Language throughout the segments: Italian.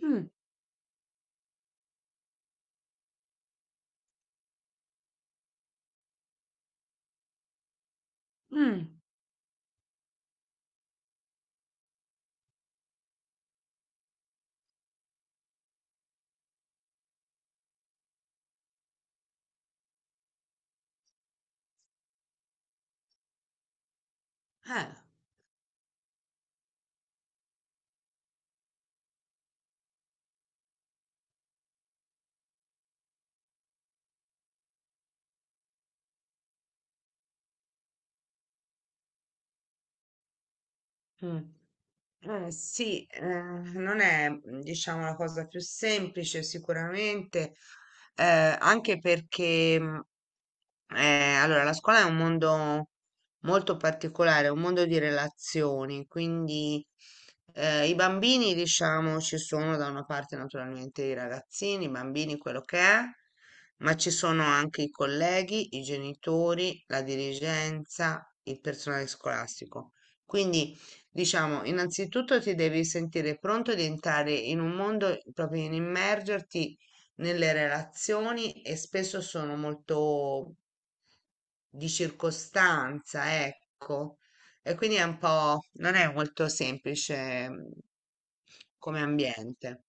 Mh, mh, eh, mh. Sì, non è, diciamo, la cosa più semplice sicuramente, eh, anche perché, allora, la scuola è un mondo molto particolare, è un mondo di relazioni, quindi i bambini, diciamo, ci sono da una parte naturalmente i ragazzini, i bambini, quello che è, ma ci sono anche i colleghi, i genitori, la dirigenza, il personale scolastico. Quindi, diciamo, innanzitutto ti devi sentire pronto di entrare in un mondo, proprio in immergerti nelle relazioni e spesso sono molto di circostanza, ecco. E quindi è un po', non è molto semplice come ambiente.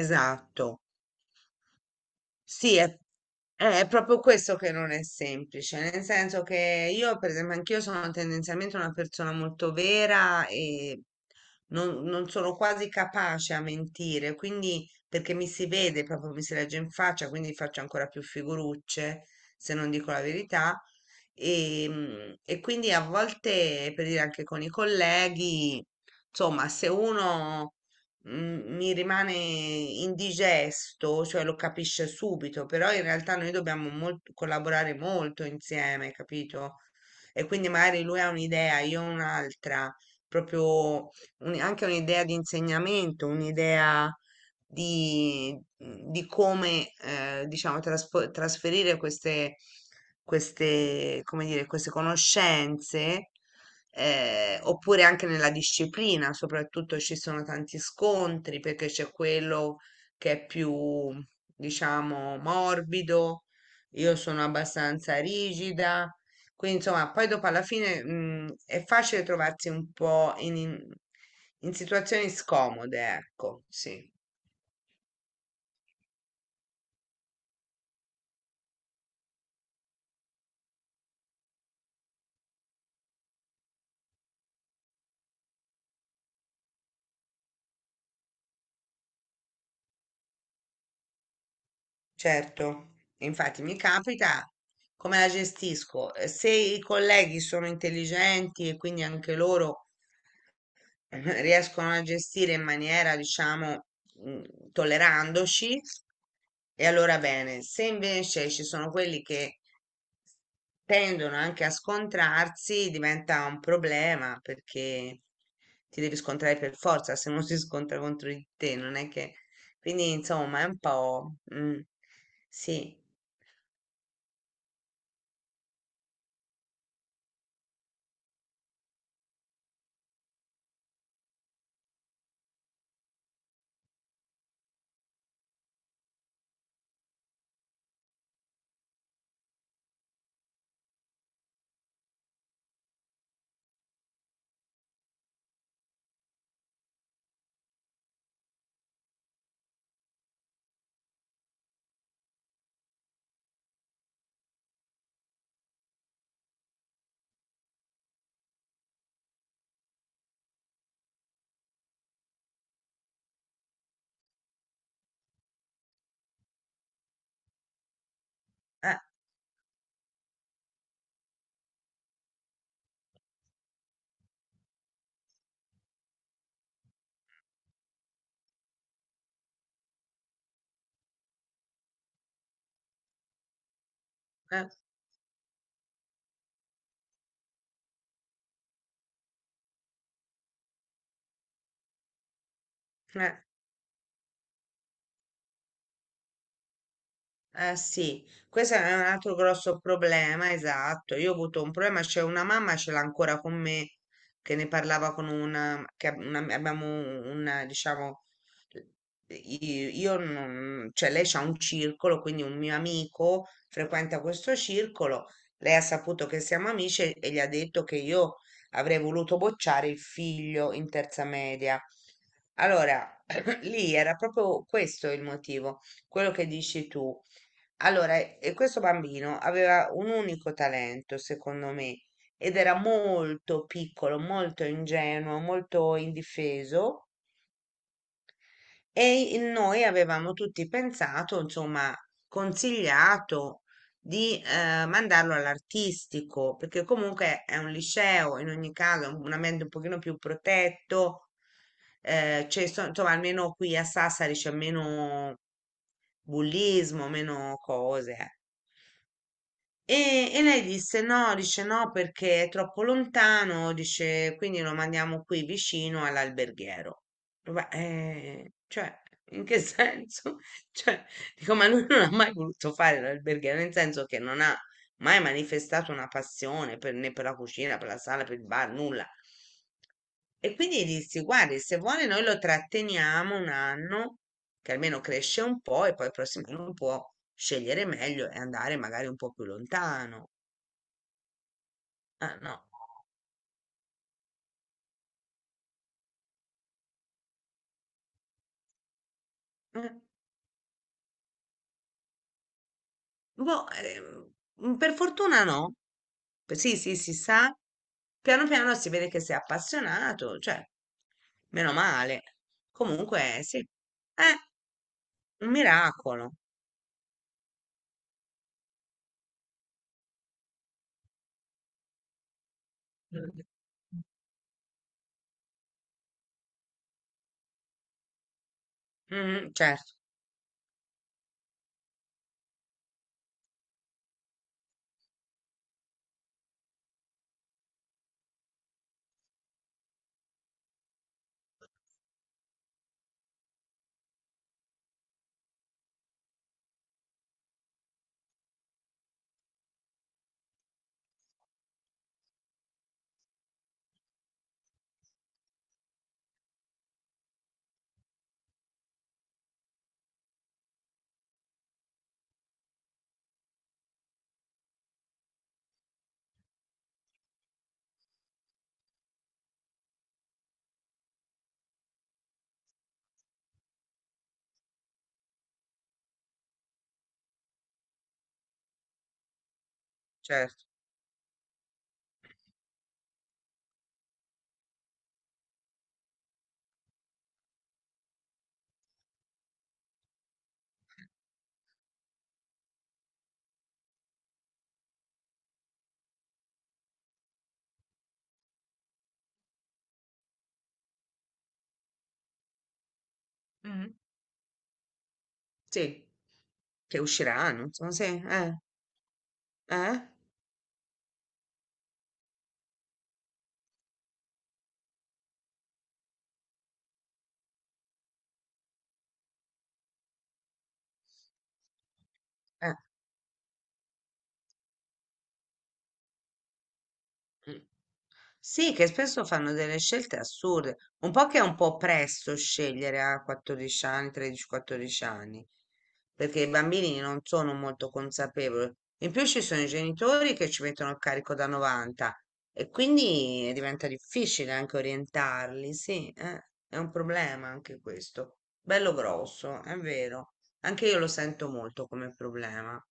Esatto. Sì, è proprio questo che non è semplice, nel senso che io, per esempio, anch'io sono tendenzialmente una persona molto vera e non sono quasi capace a mentire, quindi perché mi si vede, proprio mi si legge in faccia, quindi faccio ancora più figurucce se non dico la verità. E quindi a volte, per dire anche con i colleghi, insomma, se uno mi rimane indigesto, cioè lo capisce subito, però in realtà noi dobbiamo collaborare molto insieme, capito? E quindi magari lui ha un'idea, io un'altra, proprio anche un'idea di insegnamento, un'idea di come diciamo trasferire queste, come dire, queste conoscenze oppure anche nella disciplina, soprattutto ci sono tanti scontri perché c'è quello che è più diciamo morbido, io sono abbastanza rigida. Quindi, insomma, poi dopo alla fine, è facile trovarsi un po' in situazioni scomode, ecco, sì. Certo, infatti mi capita come la gestisco. Se i colleghi sono intelligenti e quindi anche loro riescono a gestire in maniera, diciamo, mm, tollerandoci, e allora bene. Se invece ci sono quelli che tendono anche a scontrarsi, diventa un problema perché ti devi scontrare per forza, se non si scontra contro di te, non è che... Quindi, insomma, è un po', sì. Eh, eh, eh. Eh sì, questo è un altro grosso problema, esatto. Io ho avuto un problema, c'è una mamma, ce l'ha ancora con me, che ne parlava con una, che abbiamo una, diciamo, io, non, cioè lei c'ha un circolo, quindi un mio amico frequenta questo circolo, lei ha saputo che siamo amici e gli ha detto che io avrei voluto bocciare il figlio in terza media. Allora, lì era proprio questo il motivo, quello che dici tu allora, e questo bambino aveva un unico talento, secondo me, ed era molto piccolo, molto ingenuo, molto indifeso e noi avevamo tutti pensato, insomma, consigliato di mandarlo all'artistico, perché comunque è un liceo, in ogni caso, è un ambiente un pochino più protetto, c'è, insomma, almeno qui a Sassari c'è meno bullismo, meno cose. Eh. E lei disse no, dice no perché è troppo lontano, dice quindi lo mandiamo qui vicino all'alberghiero. Ma, cioè, in che senso? Cioè, dico, ma lui non ha mai voluto fare l'alberghiero, nel senso che non ha mai manifestato una passione per, né per la cucina, per la sala, per il bar, nulla. E quindi dissi, guardi, se vuole noi lo tratteniamo un anno, che almeno cresce un po' e poi il prossimo anno può scegliere meglio e andare magari un po' più lontano. Ah, no. Eh, boh, per fortuna no. Sì, sì, si sa. Piano piano si vede che sei appassionato, cioè, meno male. Comunque, sì, è un miracolo. Mm. Mhm, certo, certo. Mhm. Sì, che usciranno, insomma, sì, eh, eh. Mm. Sì, che spesso fanno delle scelte assurde, un po' che è un po' presto scegliere a 14 anni, 13-14 anni, perché i bambini non sono molto consapevoli. In più ci sono i genitori che ci mettono il carico da 90 e quindi diventa difficile anche orientarli, sì, è un problema anche questo, bello grosso, è vero, anche io lo sento molto come problema.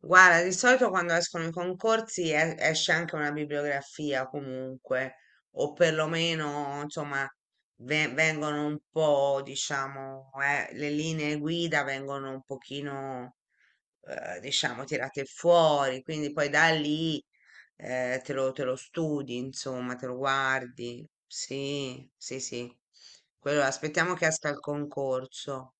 Guarda, di solito quando escono i concorsi esce anche una bibliografia comunque, o perlomeno, insomma, vengono un po', diciamo, le linee guida vengono un pochino, diciamo, tirate fuori, quindi poi da lì, te lo studi, insomma, te lo guardi. Sì, sì, sì. Quello, aspettiamo che esca il concorso.